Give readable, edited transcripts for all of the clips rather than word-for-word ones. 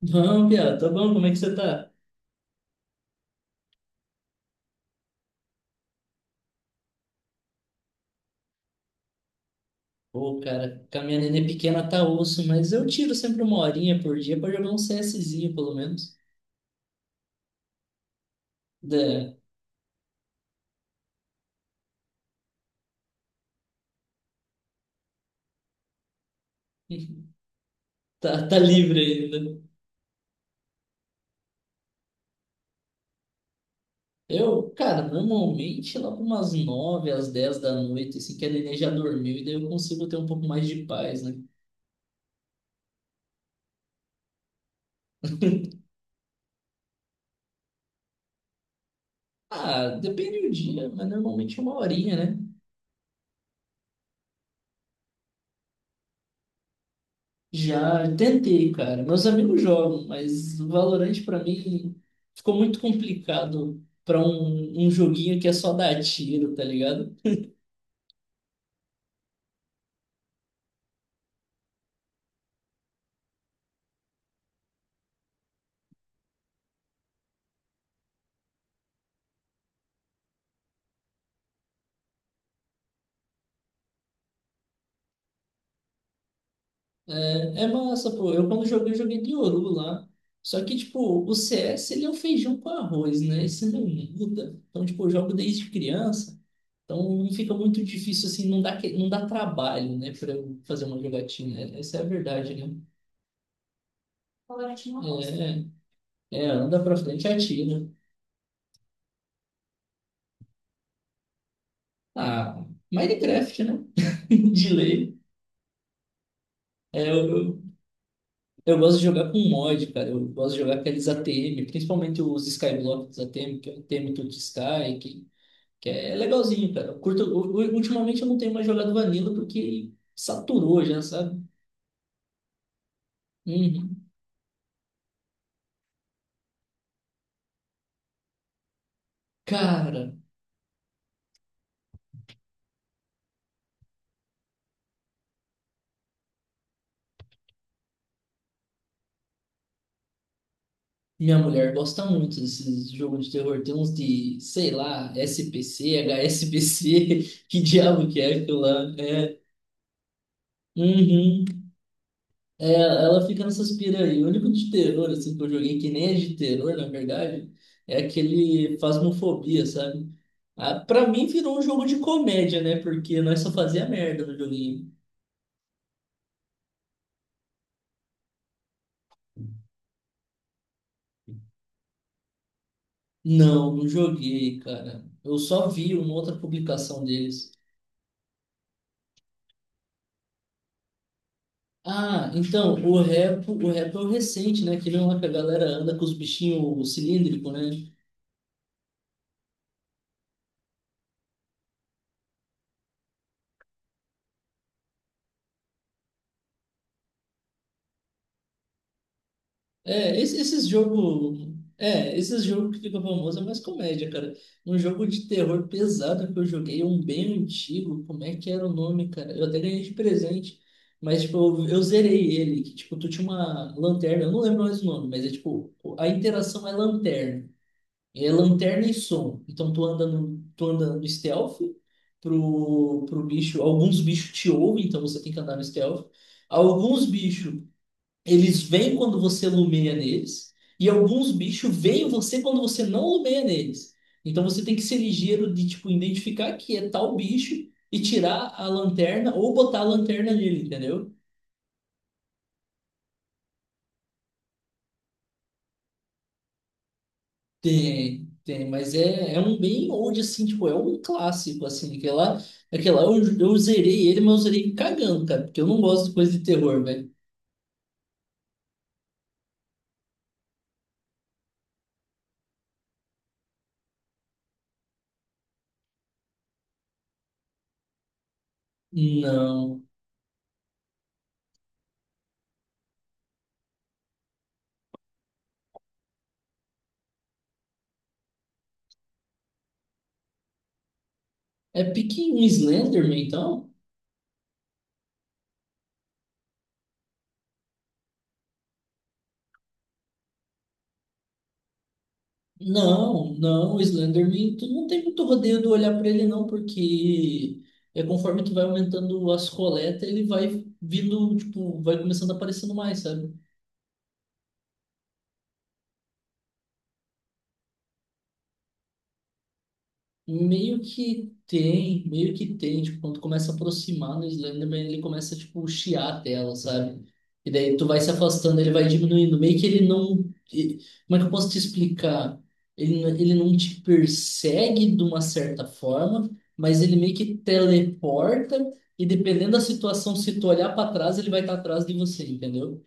Não, Bia, tá bom, como é que você tá? Pô, cara, com a minha nenê pequena tá osso, mas eu tiro sempre uma horinha por dia pra jogar um CSzinho, pelo menos. Da- Tá, tá livre ainda. Eu, cara, normalmente lá por umas 9 às 10 da noite, assim, que a nenê já dormiu, e daí eu consigo ter um pouco mais de paz, né? Ah, depende do dia, mas normalmente é uma horinha, né? Já tentei, cara. Meus amigos jogam, mas o Valorant pra mim ficou muito complicado pra um joguinho que é só dar tiro, tá ligado? É, é massa, pô. Eu quando joguei, joguei de Yoru lá. Só que, tipo, o CS, ele é um feijão com arroz, né? Isso não muda. Então, tipo, eu jogo desde criança. Então, não fica muito difícil, assim, não dá trabalho, né? Pra eu fazer uma jogatina. Essa é a verdade, né? Valorant não gosta. É, é, anda pra frente e atira. Ah, Minecraft, né? De lei. É, eu gosto de jogar com mod, cara. Eu gosto de jogar aqueles ATM, principalmente os Skyblocks ATM, que é o ATM to Sky, que é legalzinho, cara. Eu curto, ultimamente eu não tenho mais jogado Vanilla porque saturou já, sabe? Uhum. Cara, minha mulher gosta muito desses jogos de terror. Tem uns de, sei lá, SPC, HSPC, que diabo que é aquilo lá? É. Uhum. É, ela fica nessas pira aí. O único de terror, assim, que eu joguei, que nem é de terror, na verdade, é aquele Phasmophobia, sabe? Ah, pra mim virou um jogo de comédia, né? Porque nós só fazia merda no joguinho. Não, não joguei, cara. Eu só vi uma outra publicação deles. Ah, então, o rap é o recente, né? Aquele lá que a galera anda com os bichinhos cilíndricos, né? É, esses jogos. É, esses jogos que ficam famosos é mais comédia, cara. Um jogo de terror pesado que eu joguei, um bem antigo, como é que era o nome, cara? Eu até ganhei de presente, mas, tipo, eu zerei ele, que, tipo, tu tinha uma lanterna, eu não lembro mais o nome, mas é, tipo, a interação é lanterna. É lanterna e som. Então, tu anda no stealth pro bicho, alguns bichos te ouvem, então você tem que andar no stealth. Alguns bichos eles vêm quando você lumeia neles, e alguns bichos veem você quando você não lumeia neles. Então você tem que ser ligeiro de tipo identificar que é tal bicho e tirar a lanterna ou botar a lanterna nele, entendeu? Tem, tem, mas é, é um bem old assim, tipo, é um clássico assim, aquele lá eu zerei ele, mas eu zerei cagando, cara, porque eu não gosto de coisa de terror, velho. Não. É pique um Slenderman, então? Não, não, o Slenderman, tu não tem muito rodeio de olhar para ele não, porque é conforme tu vai aumentando as coletas, ele vai vindo, tipo, vai começando a aparecendo mais, sabe? Meio que tem, tipo, quando começa a aproximar no Slenderman, ele começa, tipo, chiar a tela, sabe? E daí tu vai se afastando, ele vai diminuindo, meio que ele não, e- como é que eu posso te explicar? Ele não te persegue de uma certa forma, mas ele meio que teleporta, e dependendo da situação, se tu olhar para trás, ele vai estar atrás de você, entendeu?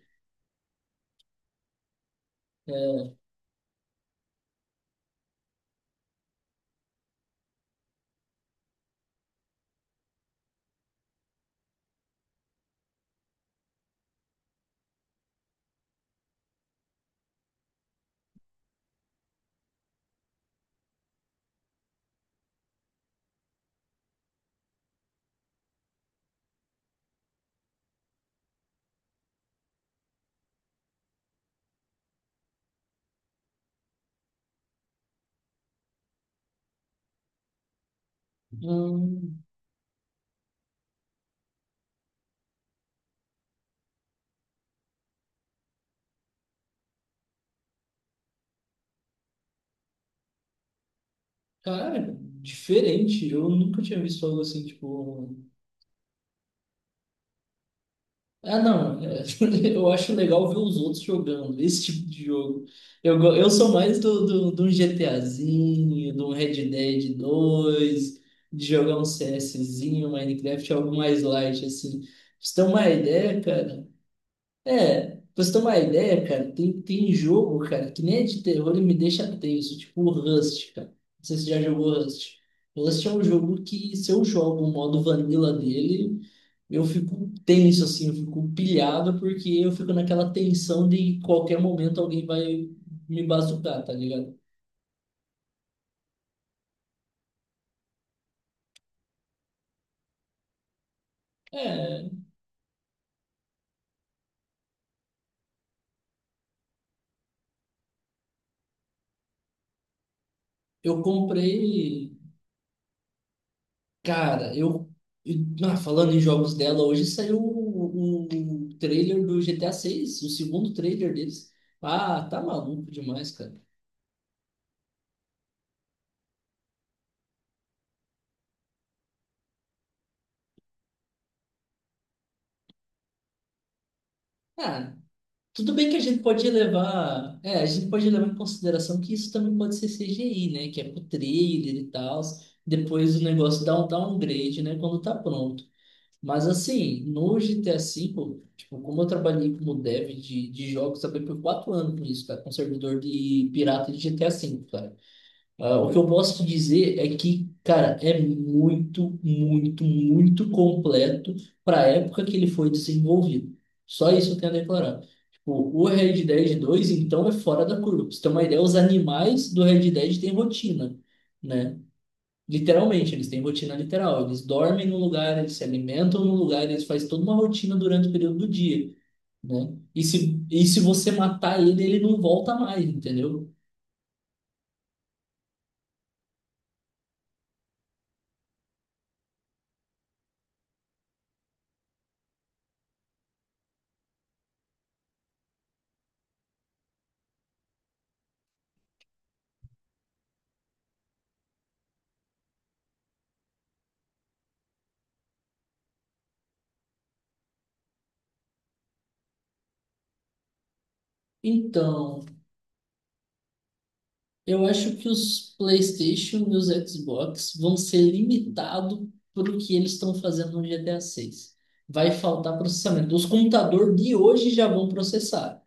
Hum, Cara, diferente, eu nunca tinha visto algo assim, tipo... Ah, não. Eu acho legal ver os outros jogando esse tipo de jogo. Eu sou mais de um GTAzinho, de um Red Dead 2 de jogar um CSzinho, Minecraft, algo mais light, assim. Pra você ter uma ideia, cara. É, pra você ter uma ideia, cara, tem, tem jogo, cara, que nem é de terror e me deixa tenso, tipo o Rust, cara. Não sei se você já jogou Rust. Rust é um jogo que, se eu jogo o modo vanilla dele. Eu fico tenso, assim, eu fico pilhado, porque eu fico naquela tensão de qualquer momento alguém vai me bazucar, tá ligado? É, eu comprei. Cara, eu. Ah, falando em jogos dela, hoje saiu o trailer do G GTA 6, o segundo trailer deles. Ah, tá maluco demais, cara. Ah, tudo bem que a gente pode levar, é, a gente pode levar em consideração que isso também pode ser CGI, né? Que é pro trailer e tal. Depois o negócio dá um downgrade, né? Quando tá pronto. Mas assim, no GTA V, tipo, como eu trabalhei como dev de jogos, trabalhei por 4 anos com isso, cara, com servidor de pirata de GTA V, cara. Ah, o que eu posso te dizer é que, cara, é muito, muito, muito completo para a época que ele foi desenvolvido. Só isso eu tenho a declarar. Tipo, o Red Dead 2, então, é fora da curva. Pra você ter uma ideia, os animais do Red Dead têm rotina, né? Literalmente, eles têm rotina literal. Eles dormem no lugar, eles se alimentam no lugar, eles fazem toda uma rotina durante o período do dia, né? E se você matar ele, ele não volta mais, entendeu? Então, eu acho que os PlayStation e os Xbox vão ser limitados pelo que eles estão fazendo no GTA 6. Vai faltar processamento. Os computadores de hoje já vão processar.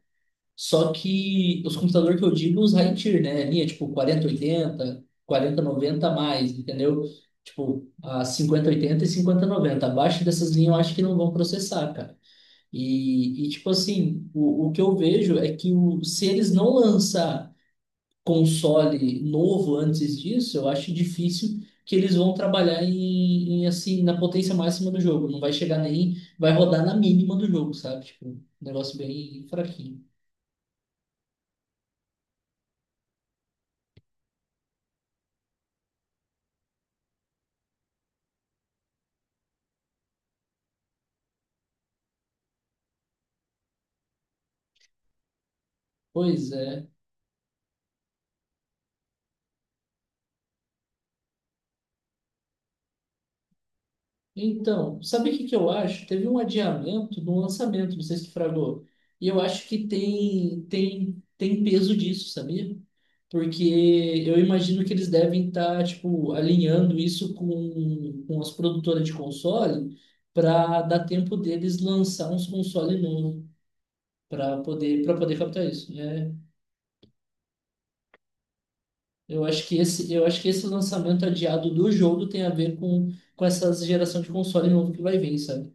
Só que os computadores que eu digo, os high tier, né? Linha tipo 4080, 4090 a mais, entendeu? Tipo, a 5080 e 5090. Abaixo dessas linhas eu acho que não vão processar, cara. E tipo assim, o que eu vejo é que se eles não lançar console novo antes disso, eu acho difícil que eles vão trabalhar assim na potência máxima do jogo. Não vai chegar nem, vai rodar na mínima do jogo, sabe? Tipo, um negócio bem fraquinho. Pois é. Então, sabe o que que eu acho? Teve um adiamento do lançamento, não sei se tu fragou. E eu acho que tem peso disso, sabia? Porque eu imagino que eles devem estar, tipo, alinhando isso com as produtoras de console para dar tempo deles lançar uns console novo para poder captar isso, né? Eu acho que esse lançamento adiado do jogo tem a ver com essa geração de console novo que vai vir, sabe?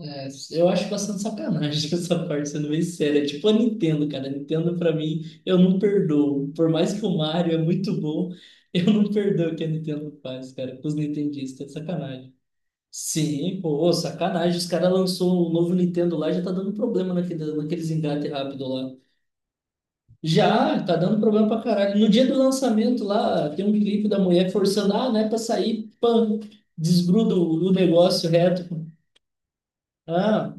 É, eu acho bastante sacanagem essa parte, sendo bem séria. É tipo a Nintendo, cara. A Nintendo, pra mim, eu não perdoo. Por mais que o Mario é muito bom, eu não perdoo o que a Nintendo faz, cara, com os nintendistas. É sacanagem. Sim, pô, ô, sacanagem. Os caras lançou o novo Nintendo lá, já tá dando problema naqueles engates rápido lá. Já, tá dando problema pra caralho. No dia do lançamento lá, tem um clipe da mulher forçando, ah, né, pra sair, pã, desgruda o negócio reto. Ah,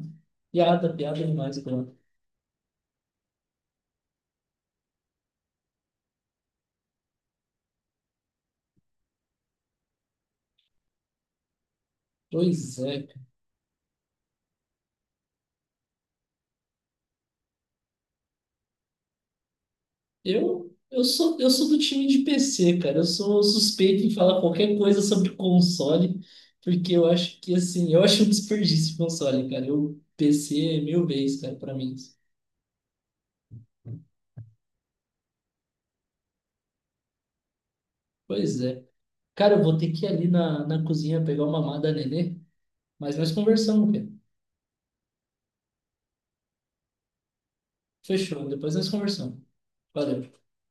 piada, piada demais, pô. Pois é. Eu sou do time de PC, cara. Eu sou suspeito em falar qualquer coisa sobre console, porque eu acho que, assim, eu acho um desperdício de console, cara. PC é mil vezes, cara, pra mim. Pois é. Cara, eu vou ter que ir ali na cozinha pegar uma mamada, nenê, mas nós conversamos, cara. Fechou, depois nós conversamos. Valeu.